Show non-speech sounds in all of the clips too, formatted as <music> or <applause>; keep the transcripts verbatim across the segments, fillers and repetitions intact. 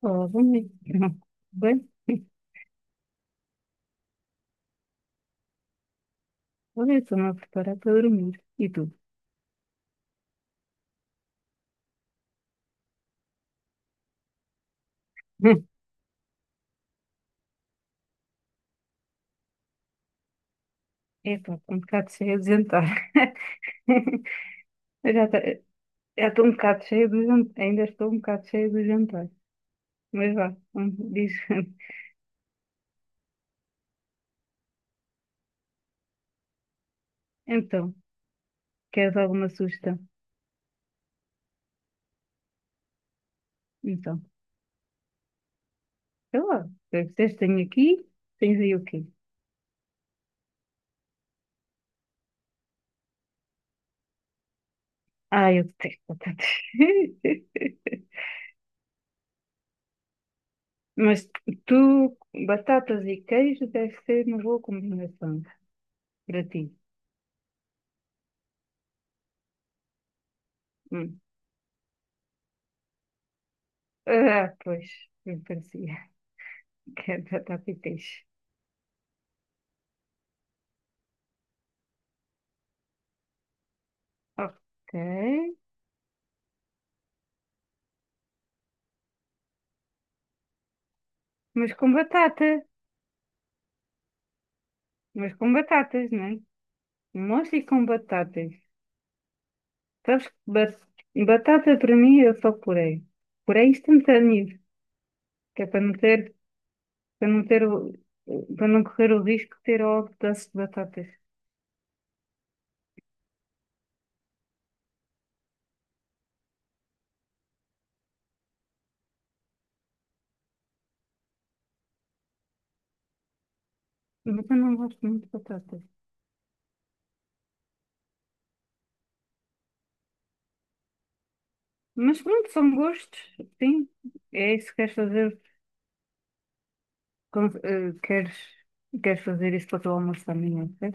Ó, dormir. <laughs> Bem, olha, eu estou-me a preparar para dormir. E tu? Hum. Epá, estou um bocado cheia de jantar. <laughs> Eu Já tá- já estou um bocado cheia do jantar. Ainda estou um bocado cheia do jantar. Mas vá, hum, diz. <laughs> Então, queres alguma sugestão? Então, sei lá. Eu tens tenho aqui, tens aí o quê? Ah, eu detesto batatas. <laughs> Mas tu, batatas e queijo deve ser uma boa combinação para ti. Ah, pois, me parecia <laughs> que era batata e peixe. Ok. Mas com batata. Mas com batatas, não é? Mostra e com batatas. Sabes que ba- batata para mim é só purê. Puré instantâneo. Que é para não ter, para não ter, o- para não correr o risco de ter ao pedaço de batatas. Mas eu não gosto muito de batatas. Mas pronto, são gostos, sim. É isso que queres fazer. com- eh, queres, queres fazer isso para o teu almoço também, não é?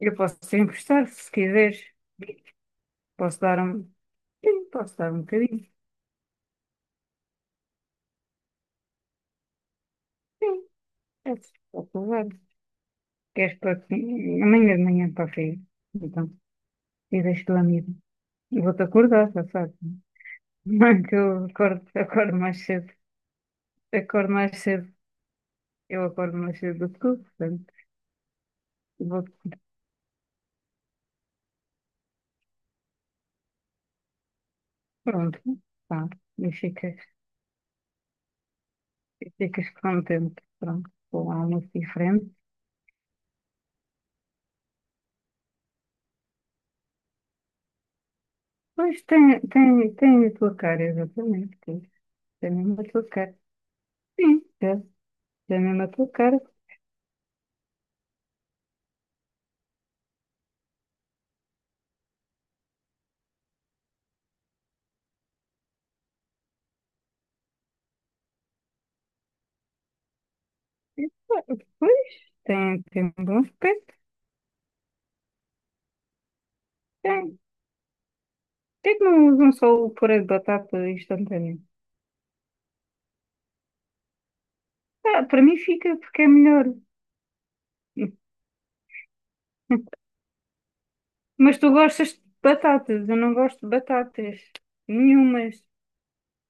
Eu posso te emprestar, se quiseres. Posso dar um. Sim, posso dar um bocadinho. Sim, é posso levar. Queres para que- amanhã de manhã para a feira? Então, e deixo-te lá mesmo. Eu vou-te acordar, já sabes. Mãe, que eu acordo, acordo mais cedo. Acordo mais cedo. Eu acordo mais cedo do que tu, portanto. Vou, pronto, tá. E ficas, e ficas contente. Pronto, com algo diferente. Pois tem, tem, tem a tua cara, exatamente. Tem tem mesmo a tua cara. Sim, deve ser mesmo a mesma tua cara. E, pá, pois, tem, tem bom aspecto. Tem. Por que é que não usam só o purê de batata instantâneo? Ah, para mim fica porque é melhor. <laughs> Mas tu gostas de batatas, eu não gosto de batatas nenhumas.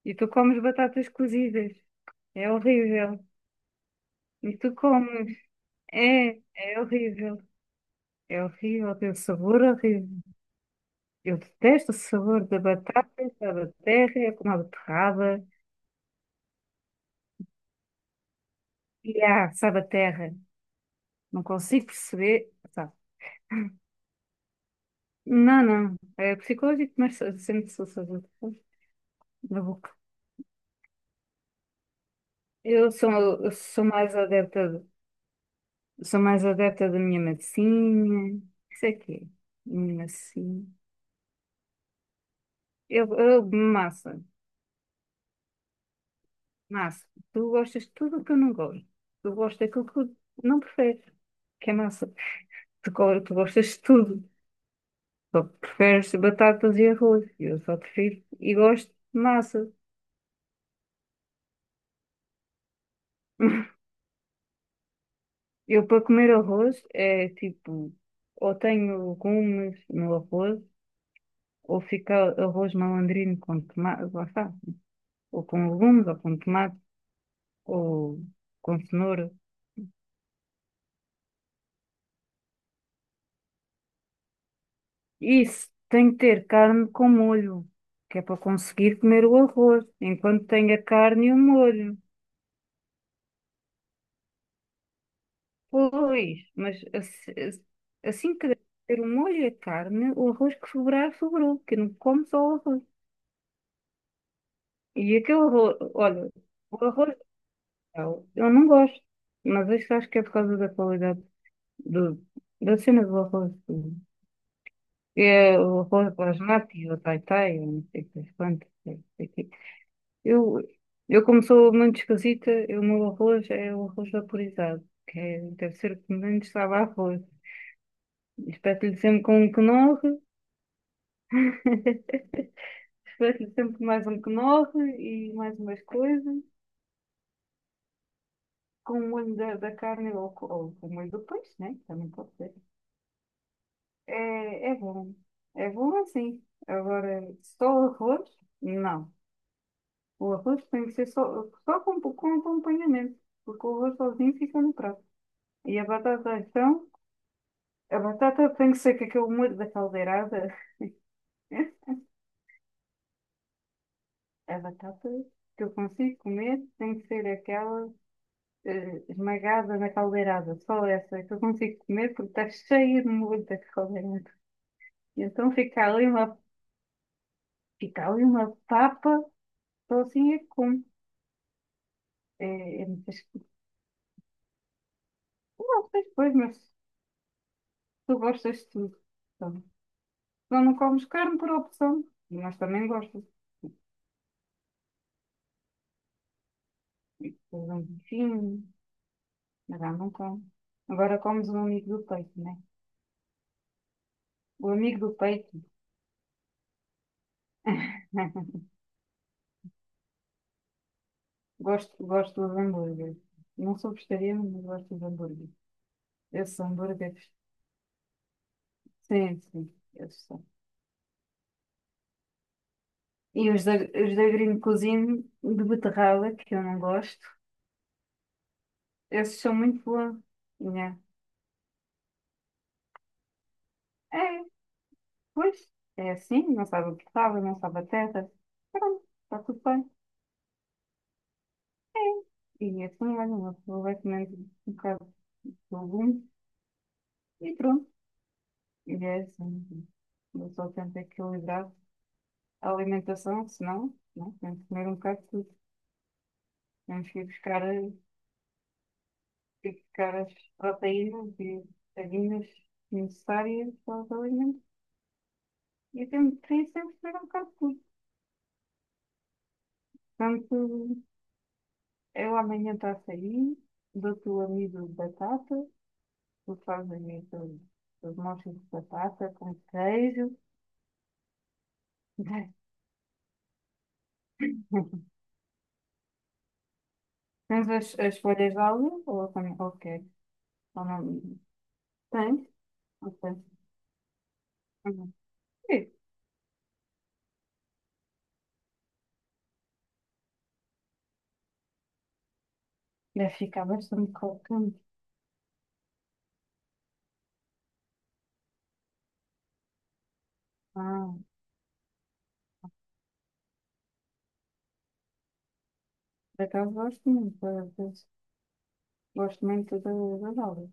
E tu comes batatas cozidas. É horrível. E tu comes. É, é horrível. É horrível, tem um sabor horrível. Eu detesto o sabor da batata, da terra, é como a beterraba. E sabaterra, não consigo perceber. Tá. Não, não, é psicológico, mas sempre sou sabaterra na boca. Eu sou, eu sou mais adepta, de- sou mais adepta da minha massinha. Isso aqui, minha massinha. Eu, eu, massa, massa. Tu gostas de tudo o que eu não gosto. Tu gostas daquilo que eu não prefiro, que é massa. Tu, go- tu gostas de tudo. Só preferes batatas e arroz. Eu só prefiro e gosto de massa. <laughs> Eu para comer arroz é tipo, ou tenho legumes no arroz, ou fica arroz malandrino com tomate, lá está, ou com legumes, ou com tomate, ou com cenoura. Isso, tem que ter carne com molho, que é para conseguir comer o arroz, enquanto tem a carne e o molho. Pois, mas ass- ass- assim que ter o molho e a carne, o arroz que sobrar, sobrou, que não come só o arroz. E aquele arroz, olha, o arroz Eu eu não gosto, mas isto acho que é por causa da qualidade do, da cena do arroz. Do- É o arroz basmati, o tai-tai, eu não sei o que das quantas. Não sei o quê. Eu, eu como sou muito esquisita, eu- o meu arroz é o arroz vaporizado, que é, deve ser o que menos sabe a arroz. Espeto-lhe sempre com um knorr, <laughs> espeto-lhe sempre mais um knorr e mais umas coisas, com o molho da, da carne ou, co- ou com o molho do peixe, né? Também pode ser. É, é bom. É bom assim. Agora, só o arroz? Não. O arroz tem que ser só, só com, com acompanhamento, porque o arroz sozinho fica no prato. E a batata, então, a batata tem que ser com aquele molho da caldeirada. <laughs> A batata que eu consigo comer tem que ser aquela eh, esmagada na caldeirada, só essa que eu consigo comer porque está cheia de molho da caldeirada. E então fica ali uma, fica ali uma papa, só assim é que como. É, é muito. Não sei depois, mas tu gostas de tudo. Então, só não comes carne por opção. Mas também gostas. Tens um bifinho, mas já não como. Agora comes um amigo do peito, né? O amigo do peito. <laughs> Gosto, gosto dos hambúrgueres. Não sou vegetariana, mas gosto dos hambúrgueres. Esses hambúrgueres. Sim, sim, esses são. E os da, os da Green Cuisine de beterraba, que eu não gosto. Esses são muito bons. Né? É, pois, é assim, não sabe o que sabe, não sabe a teta. Pronto, está tudo bem. É. E é assim, mais uma pessoa vai comendo um bocado de legumes e pronto. E é assim. Eu só tento equilibrar a alimentação, senão, não, tenho que comer um bocado de tudo. Temos que ir buscar, a- ir buscar as proteínas e vitaminas necessárias para os alimentos. E tenho que sempre que comer um bocado de tudo. Portanto, eu amanhã estou a sair, dou-te o amido de batata. Tu fazes aí os os mochos de batata com queijo. <laughs> Tens as, as folhas de alho ou também qualquer? Ou não? Tens? Não tens. Uhum. Sim. Deve ficar bastante crocante. Ah, por acaso gosto muito, às vezes. Gosto muito da- das alhas.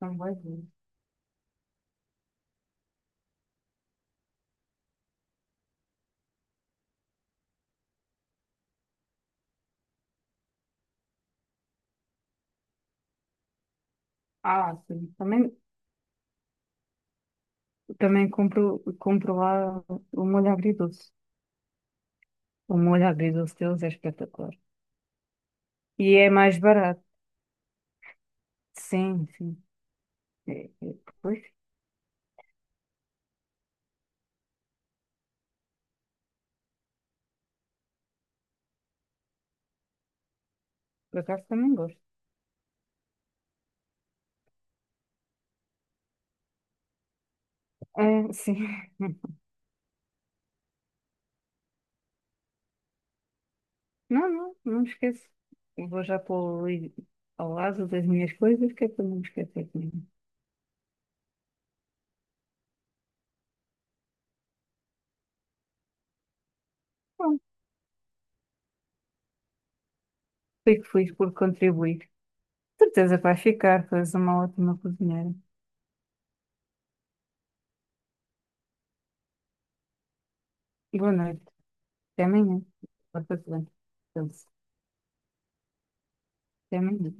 São boas. Ah, sim. Também, também compro, compro lá o molho agridoce. O molho agridoce deles é espetacular. E é mais barato. Sim, sim. É, é, pois, por acaso também gosto. É, sim. <laughs> Não, não, não me esqueço. Eu vou já pôr ali ao lado das minhas coisas, que é para não me esquecer de mim. Bom, fico feliz por contribuir. De certeza que ficar, tu és uma ótima cozinheira. Boa noite. Até amanhã. Porta-te bem. Então, até amanhã.